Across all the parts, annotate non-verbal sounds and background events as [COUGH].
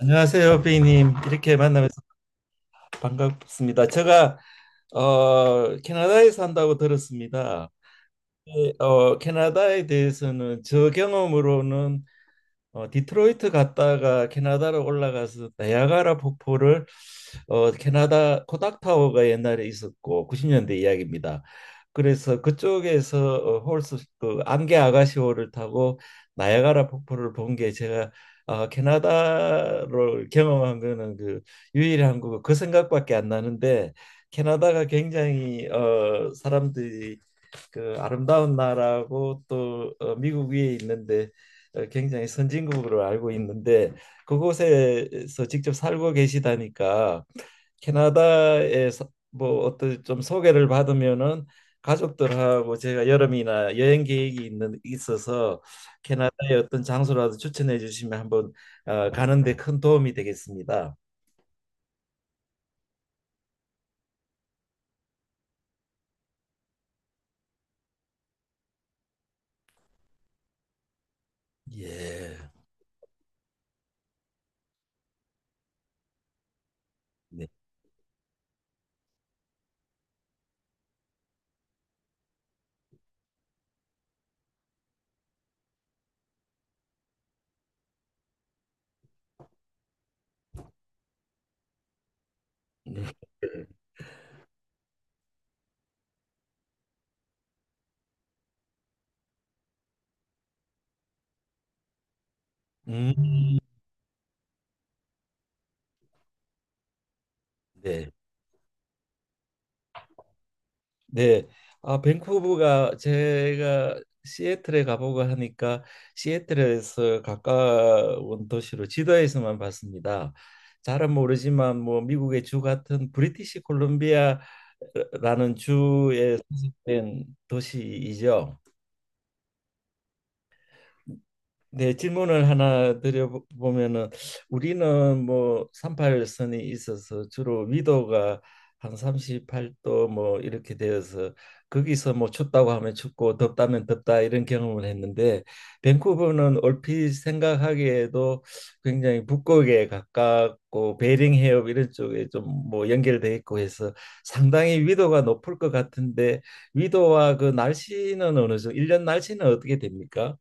안녕하세요, 비님. 이렇게 만나면서 반갑습니다. 제가 캐나다에 산다고 들었습니다. 예, 캐나다에 대해서는 저 경험으로는 디트로이트 갔다가 캐나다로 올라가서 나야가라 폭포를 캐나다 코닥타워가 옛날에 있었고 90년대 이야기입니다. 그래서 그쪽에서 홀스 그 안개 아가시호를 타고 나야가라 폭포를 본 게 제가 캐나다를 경험한 거는 그 유일한 거고 그 생각밖에 안 나는데 캐나다가 굉장히 사람들이 그 아름다운 나라고 또 미국 위에 있는데 굉장히 선진국으로 알고 있는데 그곳에서 직접 살고 계시다니까 캐나다에 서뭐 어떤 좀 소개를 받으면은 가족들하고 제가 여름이나 여행 계획이 있는 있어서 캐나다의 어떤 장소라도 추천해 주시면 한번 가는데 큰 도움이 되겠습니다. 예. 네. 음, 네. 네. 아, 밴쿠버가 제가 시애틀에 가보고 하니까 시애틀에서 가까운 도시로 지도에서만 봤습니다. 잘은 모르지만 뭐 미국의 주 같은 브리티시 콜롬비아라는 주된 도시이죠. 네, 질문을 하나 드려보면은 우리는 뭐 38선이 있어서 주로 위도가 한 38도 뭐 이렇게 되어서 거기서 뭐 춥다고 하면 춥고 덥다면 덥다 이런 경험을 했는데 밴쿠버는 얼핏 생각하기에도 굉장히 북극에 가깝고 베링 해협 이런 쪽에 좀 뭐 연결돼 있고 해서 상당히 위도가 높을 것 같은데 위도와 그 날씨는 어느 정도 일년 날씨는 어떻게 됩니까?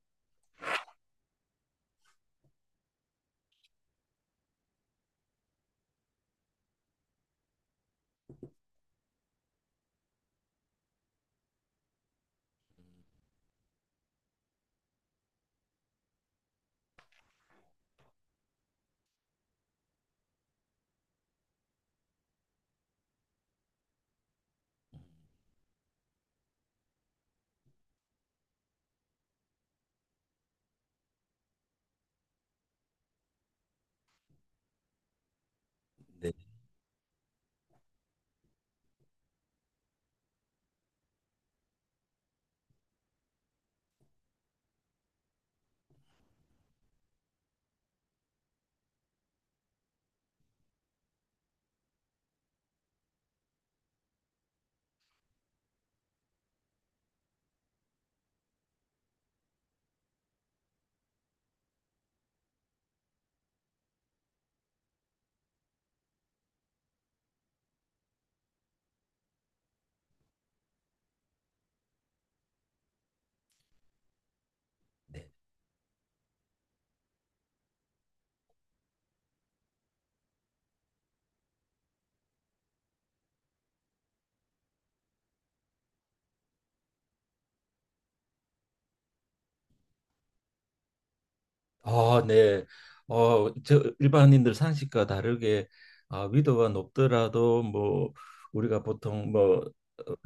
아, 네. 저 일반인들 상식과 다르게 아, 위도가 높더라도 뭐 우리가 보통 뭐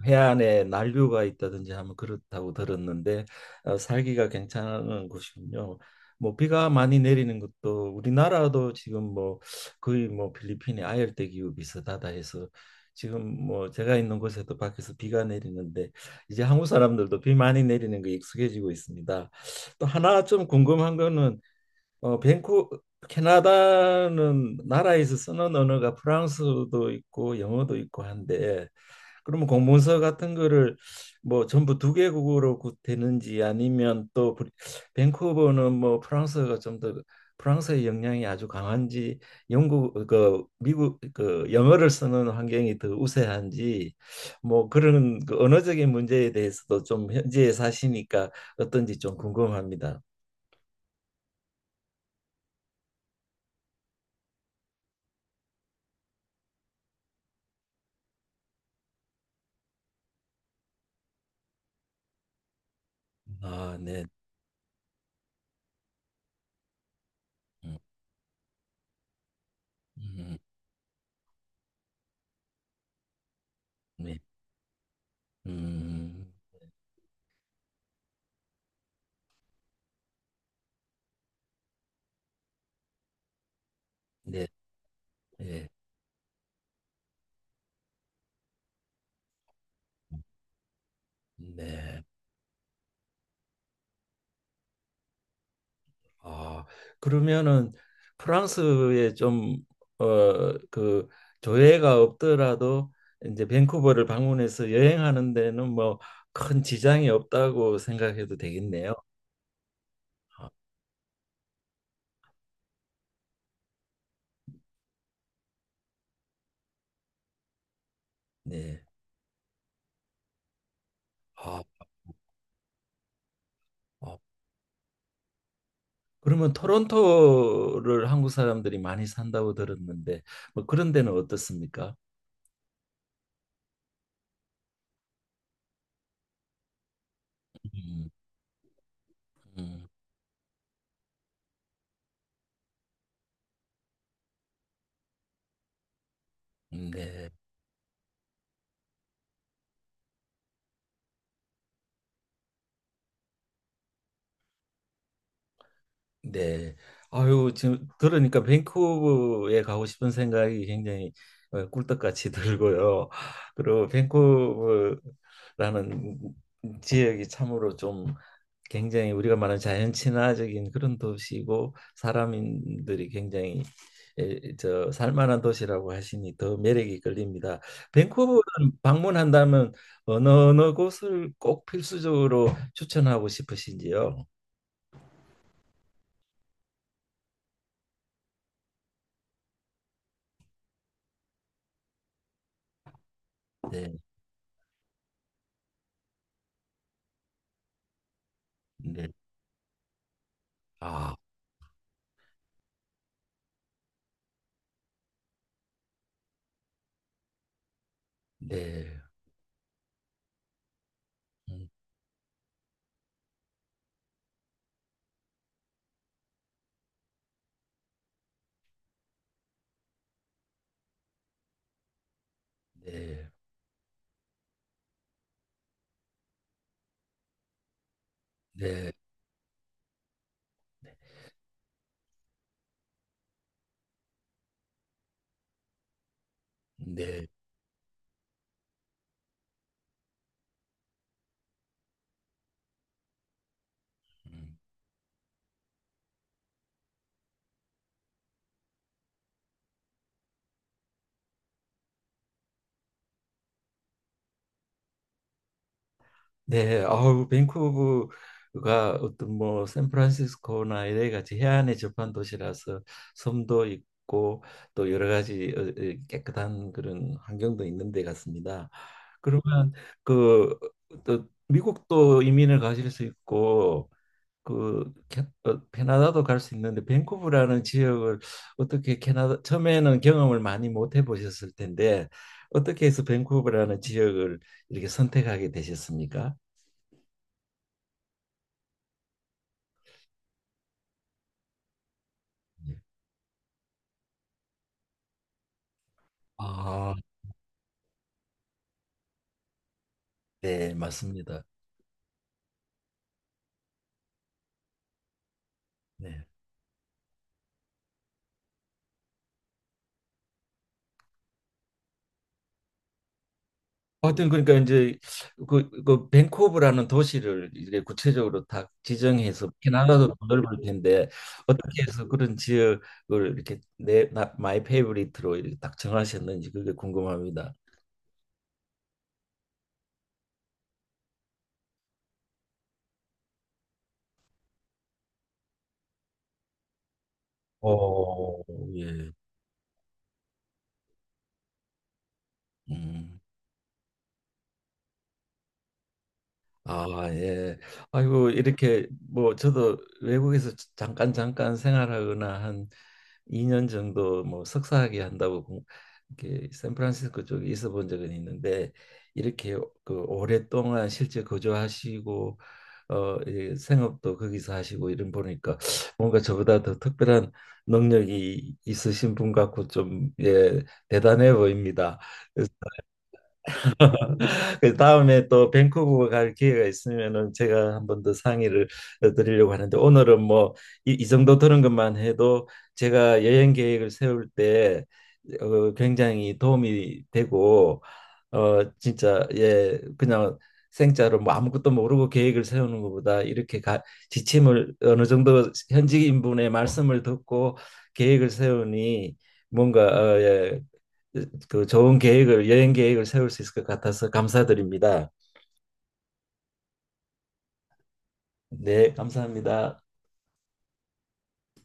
해안에 난류가 있다든지 하면 그렇다고 들었는데 살기가 괜찮은 곳이군요. 뭐 비가 많이 내리는 것도 우리나라도 지금 뭐 거의 뭐 필리핀의 아열대 기후 비슷하다 해서 지금 뭐 제가 있는 곳에도 밖에서 비가 내리는데 이제 한국 사람들도 비 많이 내리는 거 익숙해지고 있습니다. 또 하나 좀 궁금한 거는 어, 밴쿠 캐나다는 나라에서 쓰는 언어가 프랑스어도 있고 영어도 있고 한데 그러면 공문서 같은 거를 뭐 전부 두 개국어로 구- 되는지 아니면 또 브리- 밴쿠버는 뭐 프랑스어가 좀 더 프랑스의 영향이 아주 강한지 영국 그 미국 그 영어를 쓰는 환경이 더 우세한지 뭐 그런 그 언어적인 문제에 대해서도 좀 현지에 사시니까 어떤지 좀 궁금합니다. 아, 네. 음. 음, 네. 음, 네. 네. 네. 아, 그러면은 프랑스에 좀, 어, 그 조회가 없더라도 이제 밴쿠버를 방문해서 여행하는 데는 뭐 큰 지장이 없다고 생각해도 되겠네요. 네. 아, 어, 그러면 토론토를 한국 사람들이 많이 산다고 들었는데 뭐 그런 데는 어떻습니까? 음, 음, 네. 네. 아유, 지금 들으니까 밴쿠버에 가고 싶은 생각이 굉장히 꿀떡같이 [LAUGHS] 들고요. 그리고 밴쿠버라는 지역이 참으로 좀 굉장히 우리가 말하는 자연 친화적인 그런 도시고 사람들이 굉장히 에, 저 살만한 도시라고 하시니 더 매력이 끌립니다. 밴쿠버를 방문한다면 어느 어느 곳을 꼭 필수적으로 추천하고 싶으신지요? 네. 네. 아. 네, 음, 네, 네, 네, 음. 네. 아우 밴쿠버가 어떤 뭐 샌프란시스코나 이 a 같이 해안에 접한 도시라서 섬도 있고 또 여러 가지 깨끗한 그런 환경도 있는 데 같습니다. 그러면 그 또 미국도 이민을 가실 수 있고 그 캐나다도 갈 수 있는데 밴쿠버라는 지역을 어떻게 캐나다 처음에는 경험을 많이 못 해보셨을 텐데 어떻게 해서 밴쿠버라는 지역을 이렇게 선택하게 되셨습니까? 예. 아, 네, 맞습니다. 네. 하여튼 그러니까 이제 그 밴쿠버라는 도시를 이렇게 구체적으로 다 지정해서 캐나다도 더 넓을 텐데 어떻게 해서 그런 지역을 이렇게 마이 페이보릿으로 이렇게 딱 정하셨는지 그게 궁금합니다. 어, 예. 음, 아, 예. 아이고, 이렇게 뭐 저도 외국에서 잠깐 잠깐 생활하거나 한 2년 정도 뭐 석사학위 한다고 공- 이렇게 샌프란시스코 쪽에 있어 본 적은 있는데 이렇게 그 오랫동안 실제 거주하시고 예, 생업도 거기서 하시고 이런 보니까 뭔가 저보다 더 특별한 능력이 있으신 분 같고 좀 예, 대단해 보입니다. [LAUGHS] 그 다음에 또 밴쿠버 갈 기회가 있으면은 제가 한 번 더 상의를 드리려고 하는데 오늘은 뭐 이 이 정도 들은 것만 해도 제가 여행 계획을 세울 때 굉장히 도움이 되고 어 진짜 예 그냥 생짜로 뭐 아무것도 모르고 계획을 세우는 것보다 이렇게 가, 지침을 어느 정도 현지인분의 말씀을 듣고 계획을 세우니 뭔가 예, 그 좋은 계획을 여행 계획을 세울 수 있을 것 같아서 감사드립니다. 네, 감사합니다.